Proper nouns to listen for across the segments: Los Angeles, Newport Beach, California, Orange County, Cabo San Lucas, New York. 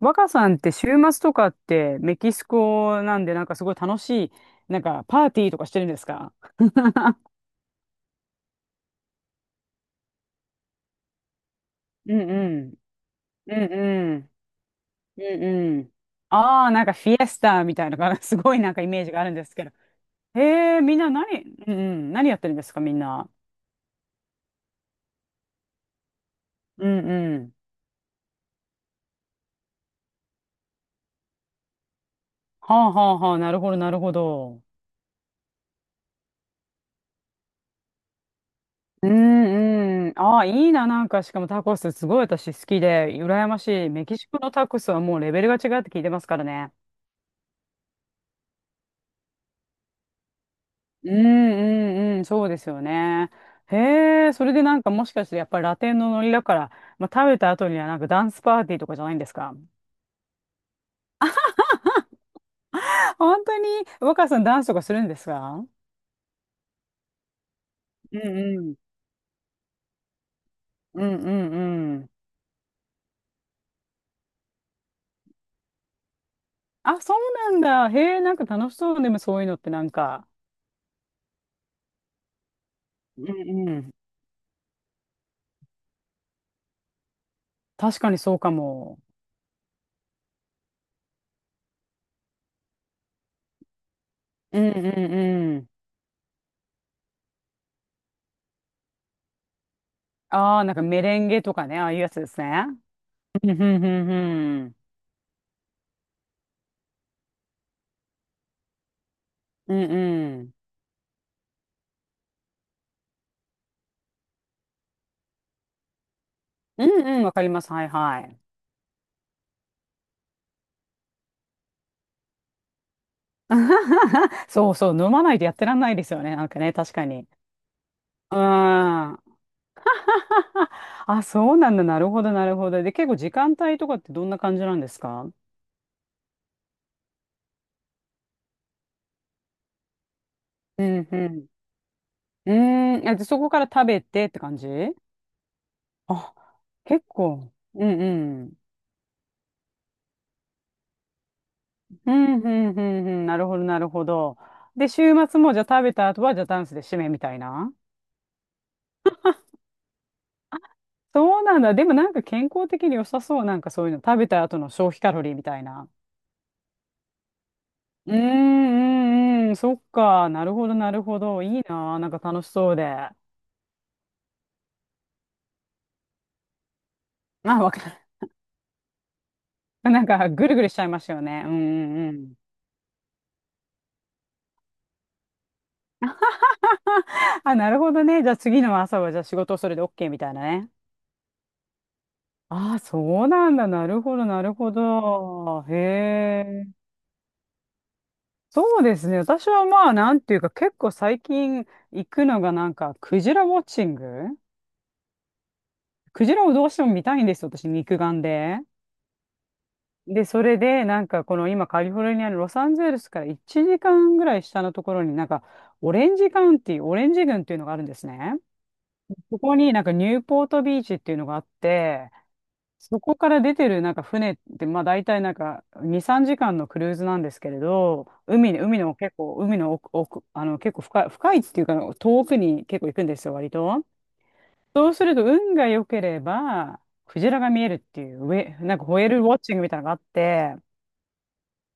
若さんって週末とかってメキシコなんでなんかすごい楽しい、なんかパーティーとかしてるんですか？ うんうん。うんうん。うんうん。ああ、なんかフィエスタみたいなのが すごいなんかイメージがあるんですけど。へえ、みんな何、うんうん、何やってるんですか、みんな。うんうん。はあはあはあ、なるほど、なるほど。うんうん。ああ、いいな、なんか、しかもタコス、すごい私好きで、羨ましい。メキシコのタコスはもうレベルが違うって聞いてますからね。うんうんうん、そうですよね。へえ、それでなんかもしかしてやっぱりラテンのノリだから、まあ、食べた後にはなんかダンスパーティーとかじゃないんですか？ 本当に若さんダンスとかするんですか？うんうん。うんうんうん。あ、そうなんだ。へえ、なんか楽しそうね。でもそういうのってなんか。うんうん。確かにそうかも。うんうんうん。ああ、なんかメレンゲとかね、ああいうやつですね。うんうんうんうん。うんうん。うんうん、わかります。はいはい。そうそう、飲まないとやってらんないですよね。なんかね、確かに。うん。あ、そうなんだ。なるほど、なるほど。で、結構時間帯とかってどんな感じなんですか？うんうん。うーん。え、でそこから食べてって感じ？あ、結構。うんうん。うんうんうんうん。なるほど、なるほど。で、週末もじゃあ食べた後は、じゃあダンスで締めみたいな。そうなんだ。でもなんか健康的に良さそう。なんかそういうの。食べた後の消費カロリーみたいな。うーんうんうん、そっか、なるほど、なるほど、いいな、なんか楽しそうで。あ、わかる。なんか、ぐるぐるしちゃいますよね。うんうんうん。あ、なるほどね。じゃあ次の朝は、じゃあ仕事をそれで OK みたいなね。ああ、そうなんだ。なるほど、なるほど。へえ。そうですね。私はまあ、なんていうか、結構最近行くのがなんか、クジラウォッチング。クジラをどうしても見たいんですよ、私、肉眼で。で、それで、なんか、この今、カリフォルニアのロサンゼルスから1時間ぐらい下のところになんか、オレンジカウンティー、オレンジ郡っていうのがあるんですね。そこになんか、ニューポートビーチっていうのがあって、そこから出てるなんか船って、まあ大体なんか2、3時間のクルーズなんですけれど、海に、海の結構、海の奥、奥、あの結構深い、深いっていうか遠くに結構行くんですよ、割と。そうすると運が良ければ、クジラが見えるっていう、上、なんかホエールウォッチングみたいなのがあって、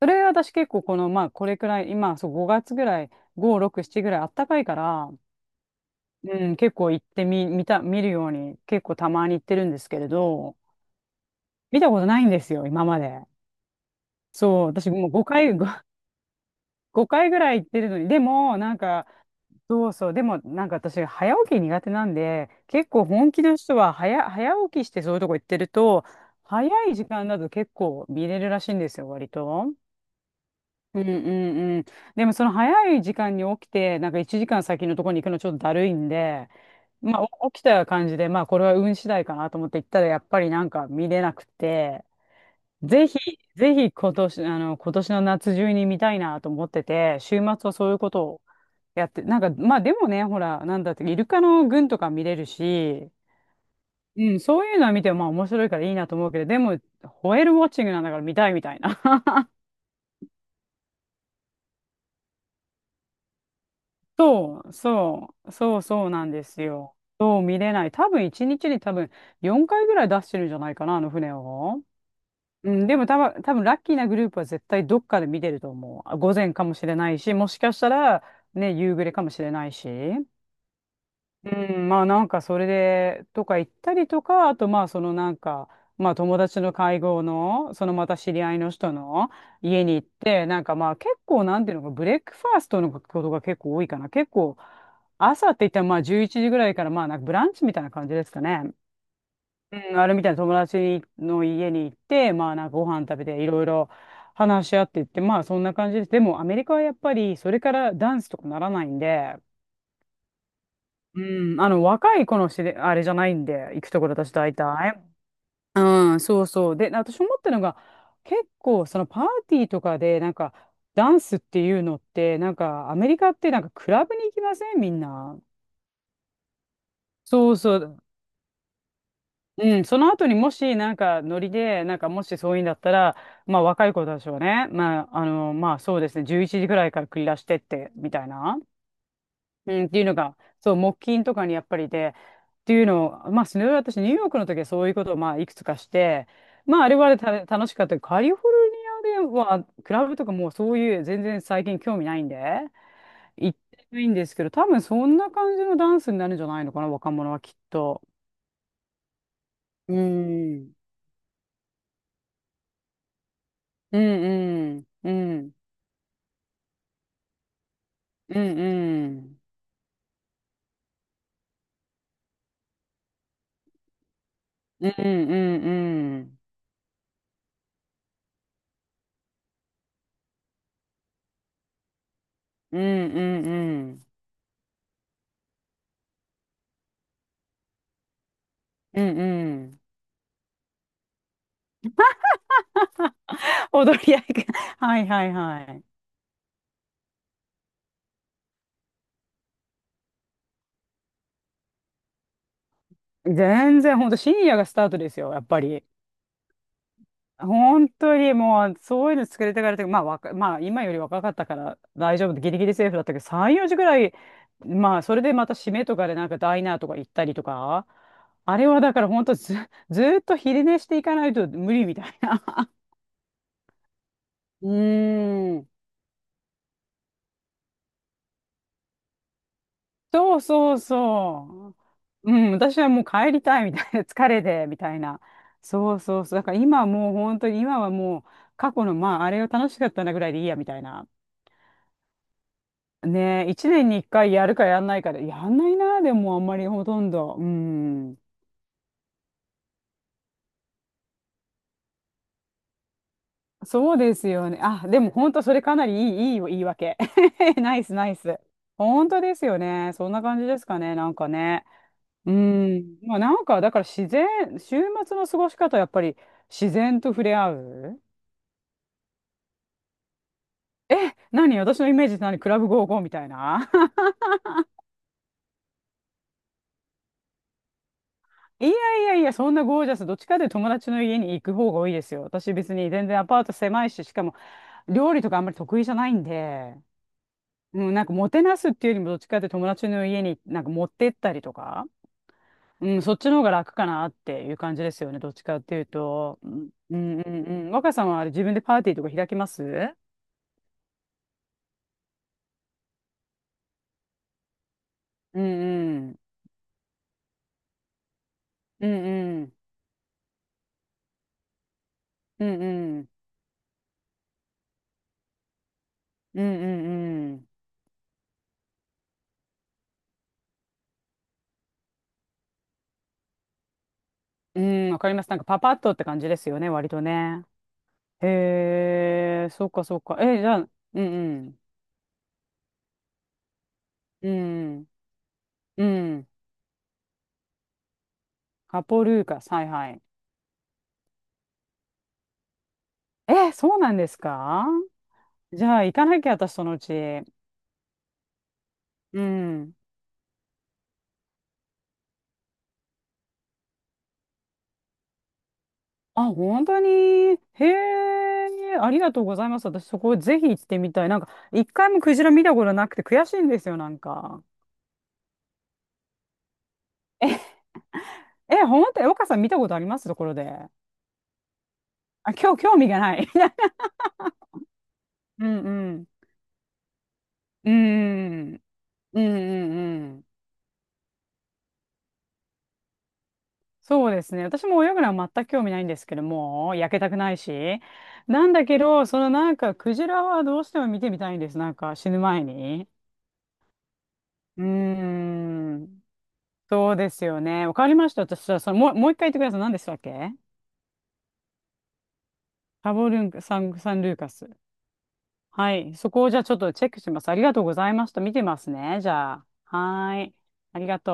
それ私結構この、まあ、これくらい、今、そう、5月ぐらい、5、6、7ぐらいあったかいから、うん、結構行ってみ、見た、見るように、結構たまに行ってるんですけれど、見たことないんですよ、今まで。そう、私もう5回、5回ぐらい行ってるのに、でも、なんか、そうそう、でも、なんか私、早起き苦手なんで、結構本気の人は早起きしてそういうとこ行ってると、早い時間だと結構見れるらしいんですよ、割と。うんうんうん。でもその早い時間に起きて、なんか1時間先のところに行くのちょっとだるいんで、まあお起きた感じで、まあこれは運次第かなと思って行ったらやっぱりなんか見れなくて、ぜひ、ぜひ今年、あの、今年の夏中に見たいなと思ってて、週末はそういうことをやって、なんかまあでもね、ほら、なんだって、イルカの群とか見れるし、うん、そういうのは見てもまあ面白いからいいなと思うけど、でも、ホエールウォッチングなんだから見たいみたいな。そう、そう、そうそうなんですよ。そう見れない。多分一日に多分4回ぐらい出してるんじゃないかな、あの船を。うん、でも多分、多分ラッキーなグループは絶対どっかで見てると思う。あ午前かもしれないし、もしかしたらね、夕暮れかもしれないし。うん、まあなんかそれでとか行ったりとか、あとまあそのなんか、まあ友達の会合の、そのまた知り合いの人の家に行って、なんかまあ結構なんていうのか、ブレックファーストのことが結構多いかな。結構朝って言ったらまあ11時ぐらいからまあなんかブランチみたいな感じですかね。うん、あれみたいな友達の家に行って、まあなんかご飯食べていろいろ話し合っていって、まあそんな感じです。でもアメリカはやっぱりそれからダンスとかならないんで、うん、あの、若い子のしれ、あれじゃないんで、行くところ私大体。うん、そうそう。で、私思ったのが、結構、そのパーティーとかで、なんか、ダンスっていうのって、なんか、アメリカってなんか、クラブに行きませんみんな。そうそう。うん、その後にもし、なんか、ノリで、なんか、もしそういうんだったら、まあ、若い子たちはね、まあ、あの、まあ、そうですね、11時ぐらいから繰り出してって、みたいな。うん、っていうのが、そう、木琴とかにやっぱりで、っていうのを、まあ、それは私、ニューヨークの時はそういうことを、まあ、いくつかして、まあ、あれはあれでた楽しかったけど。カリフォルニアでは、クラブとかもうそういう全然最近興味ないんで、行ってないんですけど、多分そんな感じのダンスになるんじゃないのかな、若者はきっと。うん。うんうん。うん。うんうん。うんうんうん。うんうんうん。うんうん。踊り合いが。はいはいはい。全然、ほんと深夜がスタートですよ、やっぱり。本当にもう、そういうの作れてからというか、まあ、わかまあ、今より若かったから大丈夫で、ギリギリセーフだったけど、3、4時ぐらい、まあ、それでまた締めとかでなんかダイナーとか行ったりとか、あれはだから本当ずーっと昼寝していかないと無理みたいな。うーん。そうそうそう。うん、私はもう帰りたいみたいな、疲れでみたいな。そうそうそう。だから今はもう本当に、今はもう過去の、まあ、あれが楽しかったなぐらいでいいやみたいな。ねえ、一年に一回やるかやんないかで、やんないな、でもあんまりほとんど。うん。そうですよね。あ、でも本当それかなりいい言い訳。ナイスナイス。本当ですよね。そんな感じですかね、なんかね。うん。まあなんか、だから自然、週末の過ごし方はやっぱり自然と触れ合う。何私のイメージって何クラブゴーゴーみたいな？ いやいや、そんなゴージャス。どっちかというと友達の家に行く方が多いですよ。私別に全然アパート狭いし、しかも料理とかあんまり得意じゃないんで、うん、なんかもてなすっていうよりもどっちかというと友達の家になんか持ってったりとか、うん、そっちの方が楽かなっていう感じですよね。どっちかっていうと。うんうんうんうん。若さんはあれ自分でパーティーとか開きます？うんうん。うんうん。うんうん。うんうんうん。うん、わかります。なんかパパッとって感じですよね、割とね。へえ、そっかそっか。え、じゃあ、うんうん。うん。うん。カポルーカス、はいはい。え、そうなんですか？じゃあ、行かなきゃ、私、そのうち。うん。あ、本当に。へえ、ありがとうございます。私、そこぜひ行ってみたい。なんか、一回もクジラ見たことなくて悔しいんですよ、なんか。え、本当、え、岡さん見たことありますところで。あ、今日興味がない。うんうん。うんうんうんうん。そうですね。私も泳ぐのは全く興味ないんですけども、焼けたくないし。なんだけど、そのなんか、クジラはどうしても見てみたいんです。なんか、死ぬ前に。うーん。そうですよね。わかりました。私は、その、もう、もう一回言ってください。何でしたっけ？カボルンカ、サン、サンルーカス。はい。そこをじゃあちょっとチェックします。ありがとうございました。見てますね。じゃあ。はーい。ありがとう。